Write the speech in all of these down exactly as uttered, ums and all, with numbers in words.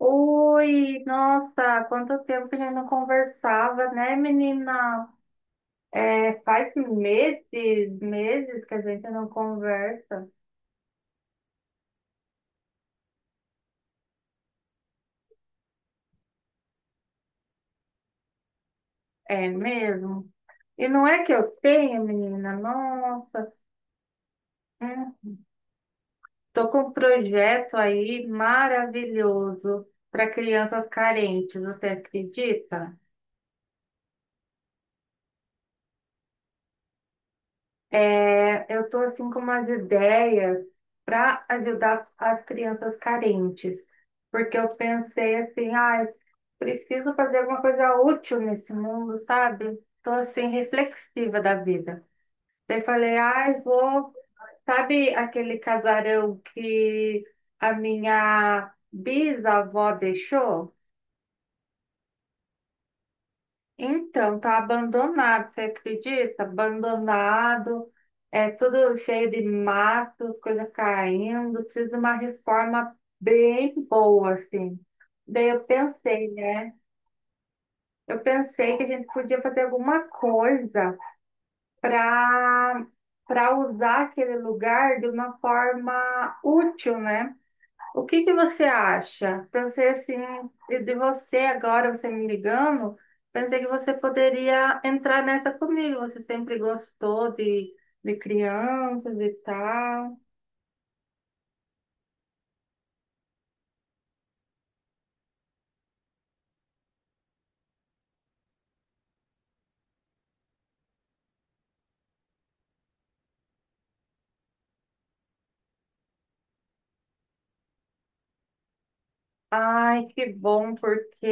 Oi, nossa, quanto tempo que a gente não conversava, né, menina? É, faz meses, meses que a gente não conversa. É mesmo? E não é que eu tenho, menina? Nossa, hum, tô com um projeto aí maravilhoso para crianças carentes, você acredita? É, eu estou assim com umas ideias para ajudar as crianças carentes, porque eu pensei assim, ah, preciso fazer alguma coisa útil nesse mundo, sabe? Estou assim reflexiva da vida. Daí falei, ah, vou, sabe aquele casarão que a minha bisavó deixou? Então, tá abandonado, você acredita? Abandonado, é tudo cheio de mato, coisa caindo, precisa de uma reforma bem boa, assim. Daí eu pensei, né? Eu pensei que a gente podia fazer alguma coisa para para usar aquele lugar de uma forma útil, né? O que que você acha? Pensei assim, de de você agora, você me ligando, pensei que você poderia entrar nessa comigo. Você sempre gostou de, de crianças e tal. Ai, que bom, porque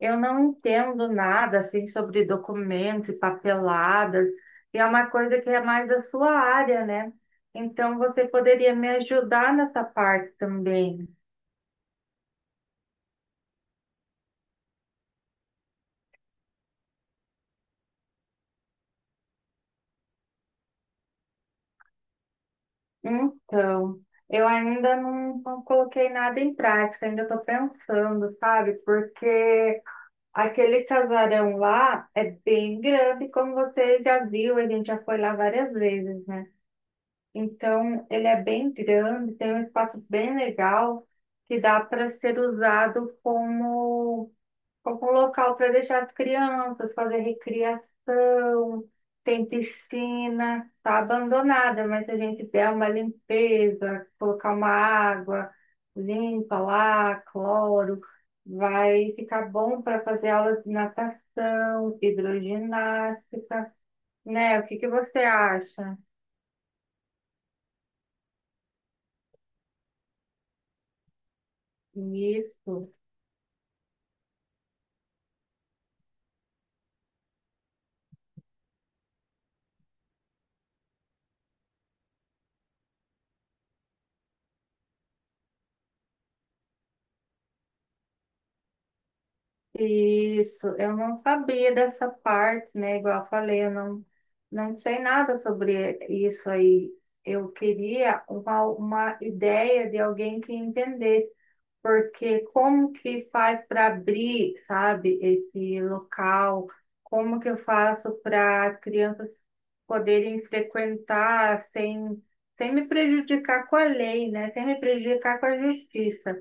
eu não entendo nada assim sobre documentos e papeladas, e é uma coisa que é mais da sua área, né? Então você poderia me ajudar nessa parte também. Então, eu ainda não, não coloquei nada em prática, ainda estou pensando, sabe? Porque aquele casarão lá é bem grande, como você já viu, a gente já foi lá várias vezes, né? Então, ele é bem grande, tem um espaço bem legal que dá para ser usado como algum local para deixar as crianças, fazer recriação, tem piscina, tá abandonada, mas se a gente der uma limpeza, colocar uma água limpa lá, cloro, vai ficar bom para fazer aulas de natação, hidroginástica, né? O que que você acha nisso? Isso, eu não sabia dessa parte, né? Igual eu falei, eu não, não sei nada sobre isso aí. Eu queria uma, uma ideia de alguém que entender, porque como que faz para abrir, sabe, esse local? Como que eu faço para as crianças poderem frequentar sem, sem me prejudicar com a lei, né? Sem me prejudicar com a justiça?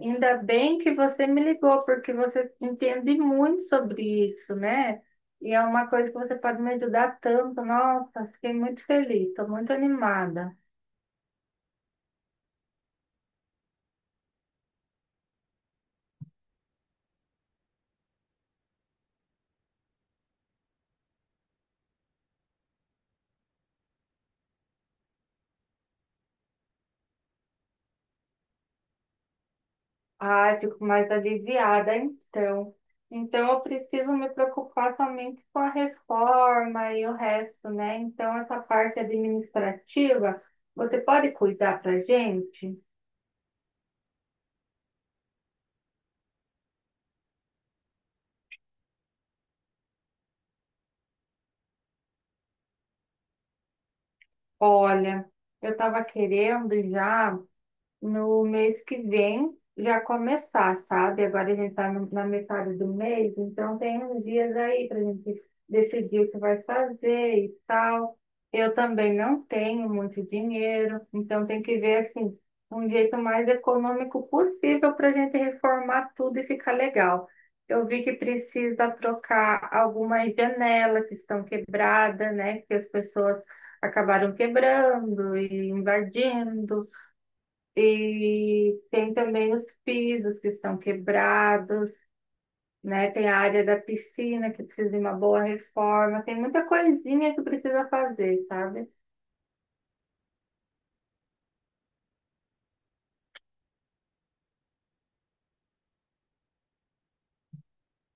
Ainda bem que você me ligou, porque você entende muito sobre isso, né? E é uma coisa que você pode me ajudar tanto. Nossa, fiquei muito feliz, estou muito animada. Ah, fico mais aliviada, então. Então, eu preciso me preocupar somente com a reforma e o resto, né? Então, essa parte administrativa, você pode cuidar pra gente? Olha, eu estava querendo já, no mês que vem já começar, sabe? Agora a gente está na metade do mês, então tem uns dias aí para a gente decidir o que vai fazer e tal. Eu também não tenho muito dinheiro, então tem que ver assim um jeito mais econômico possível para a gente reformar tudo e ficar legal. Eu vi que precisa trocar algumas janelas que estão quebradas, né? Que as pessoas acabaram quebrando e invadindo. E tem também os pisos que estão quebrados, né? Tem a área da piscina que precisa de uma boa reforma. Tem muita coisinha que precisa fazer, sabe?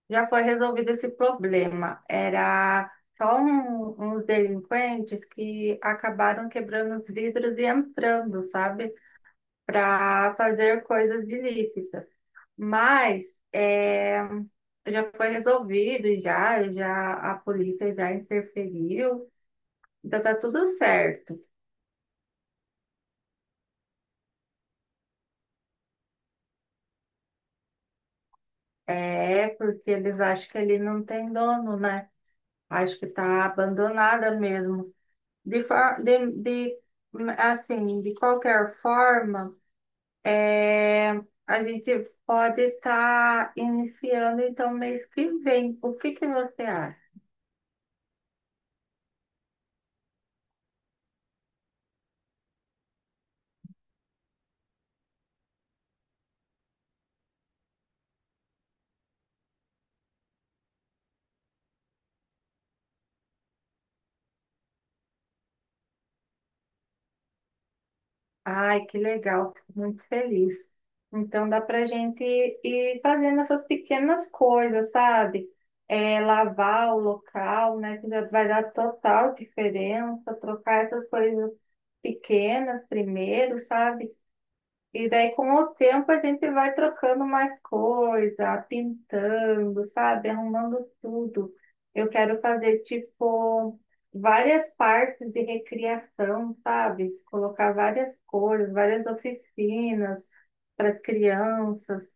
Já foi resolvido esse problema. Era só um- uns delinquentes que acabaram quebrando os vidros e entrando, sabe? Para fazer coisas ilícitas. Mas é, já foi resolvido, já, já a polícia já interferiu. Então tá tudo certo. É, porque eles acham que ele não tem dono, né? Acho que tá abandonada mesmo. De, for- de, de, assim, de qualquer forma, é, a gente pode estar iniciando então mês que vem. O que que você acha? Ai, que legal, fico muito feliz. Então dá pra gente ir fazendo essas pequenas coisas, sabe? É, lavar o local, né? Que já vai dar total diferença, trocar essas coisas pequenas primeiro, sabe? E daí, com o tempo, a gente vai trocando mais coisa, pintando, sabe? Arrumando tudo. Eu quero fazer, tipo, várias partes de recriação, sabe? Colocar várias cores, várias oficinas para as crianças.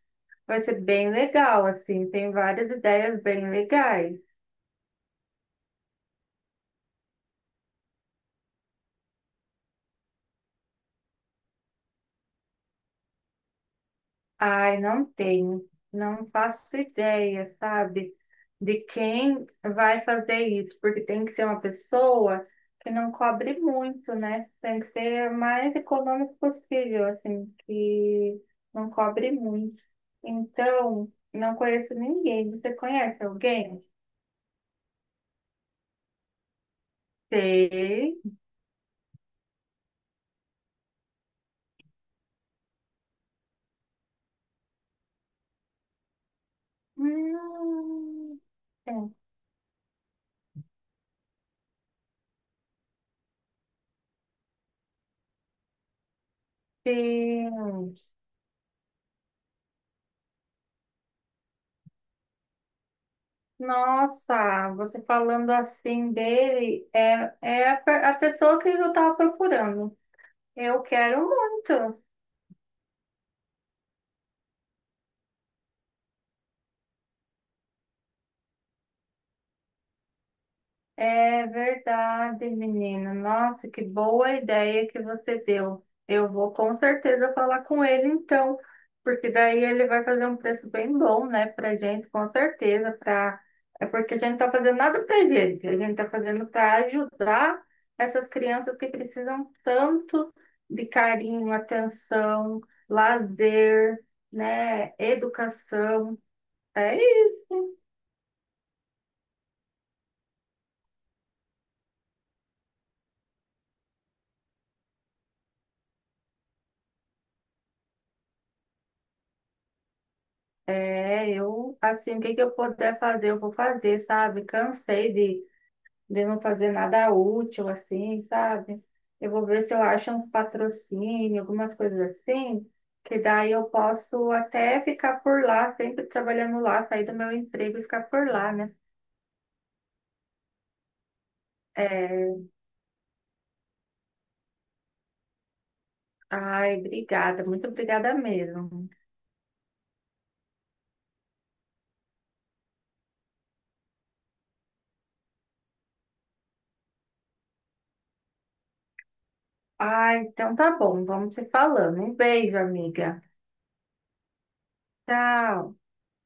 Vai ser bem legal, assim. Tem várias ideias bem legais. Ai, não tenho, não faço ideia, sabe, de quem vai fazer isso, porque tem que ser uma pessoa que não cobre muito, né? Tem que ser o mais econômico possível, assim, que não cobre muito. Então, não conheço ninguém. Você conhece alguém? Sei. Hum, tem. Sim. Nossa, você falando assim dele, é, é a, pe- a pessoa que eu estava procurando. Eu quero muito. É verdade, menina. Nossa, que boa ideia que você deu. Eu vou com certeza falar com ele então, porque daí ele vai fazer um preço bem bom, né, pra gente, com certeza, pra... É porque a gente não tá fazendo nada pra gente, a gente tá fazendo para ajudar essas crianças que precisam tanto de carinho, atenção, lazer, né, educação. É isso. É, eu, assim, o que que eu puder fazer, eu vou fazer, sabe? Cansei de, de não fazer nada útil, assim, sabe? Eu vou ver se eu acho um patrocínio, algumas coisas assim, que daí eu posso até ficar por lá, sempre trabalhando lá, sair do meu emprego e ficar por lá, né? É, ai, obrigada, muito obrigada mesmo. Ai, então tá bom, vamos se falando. Um beijo, amiga. Tchau.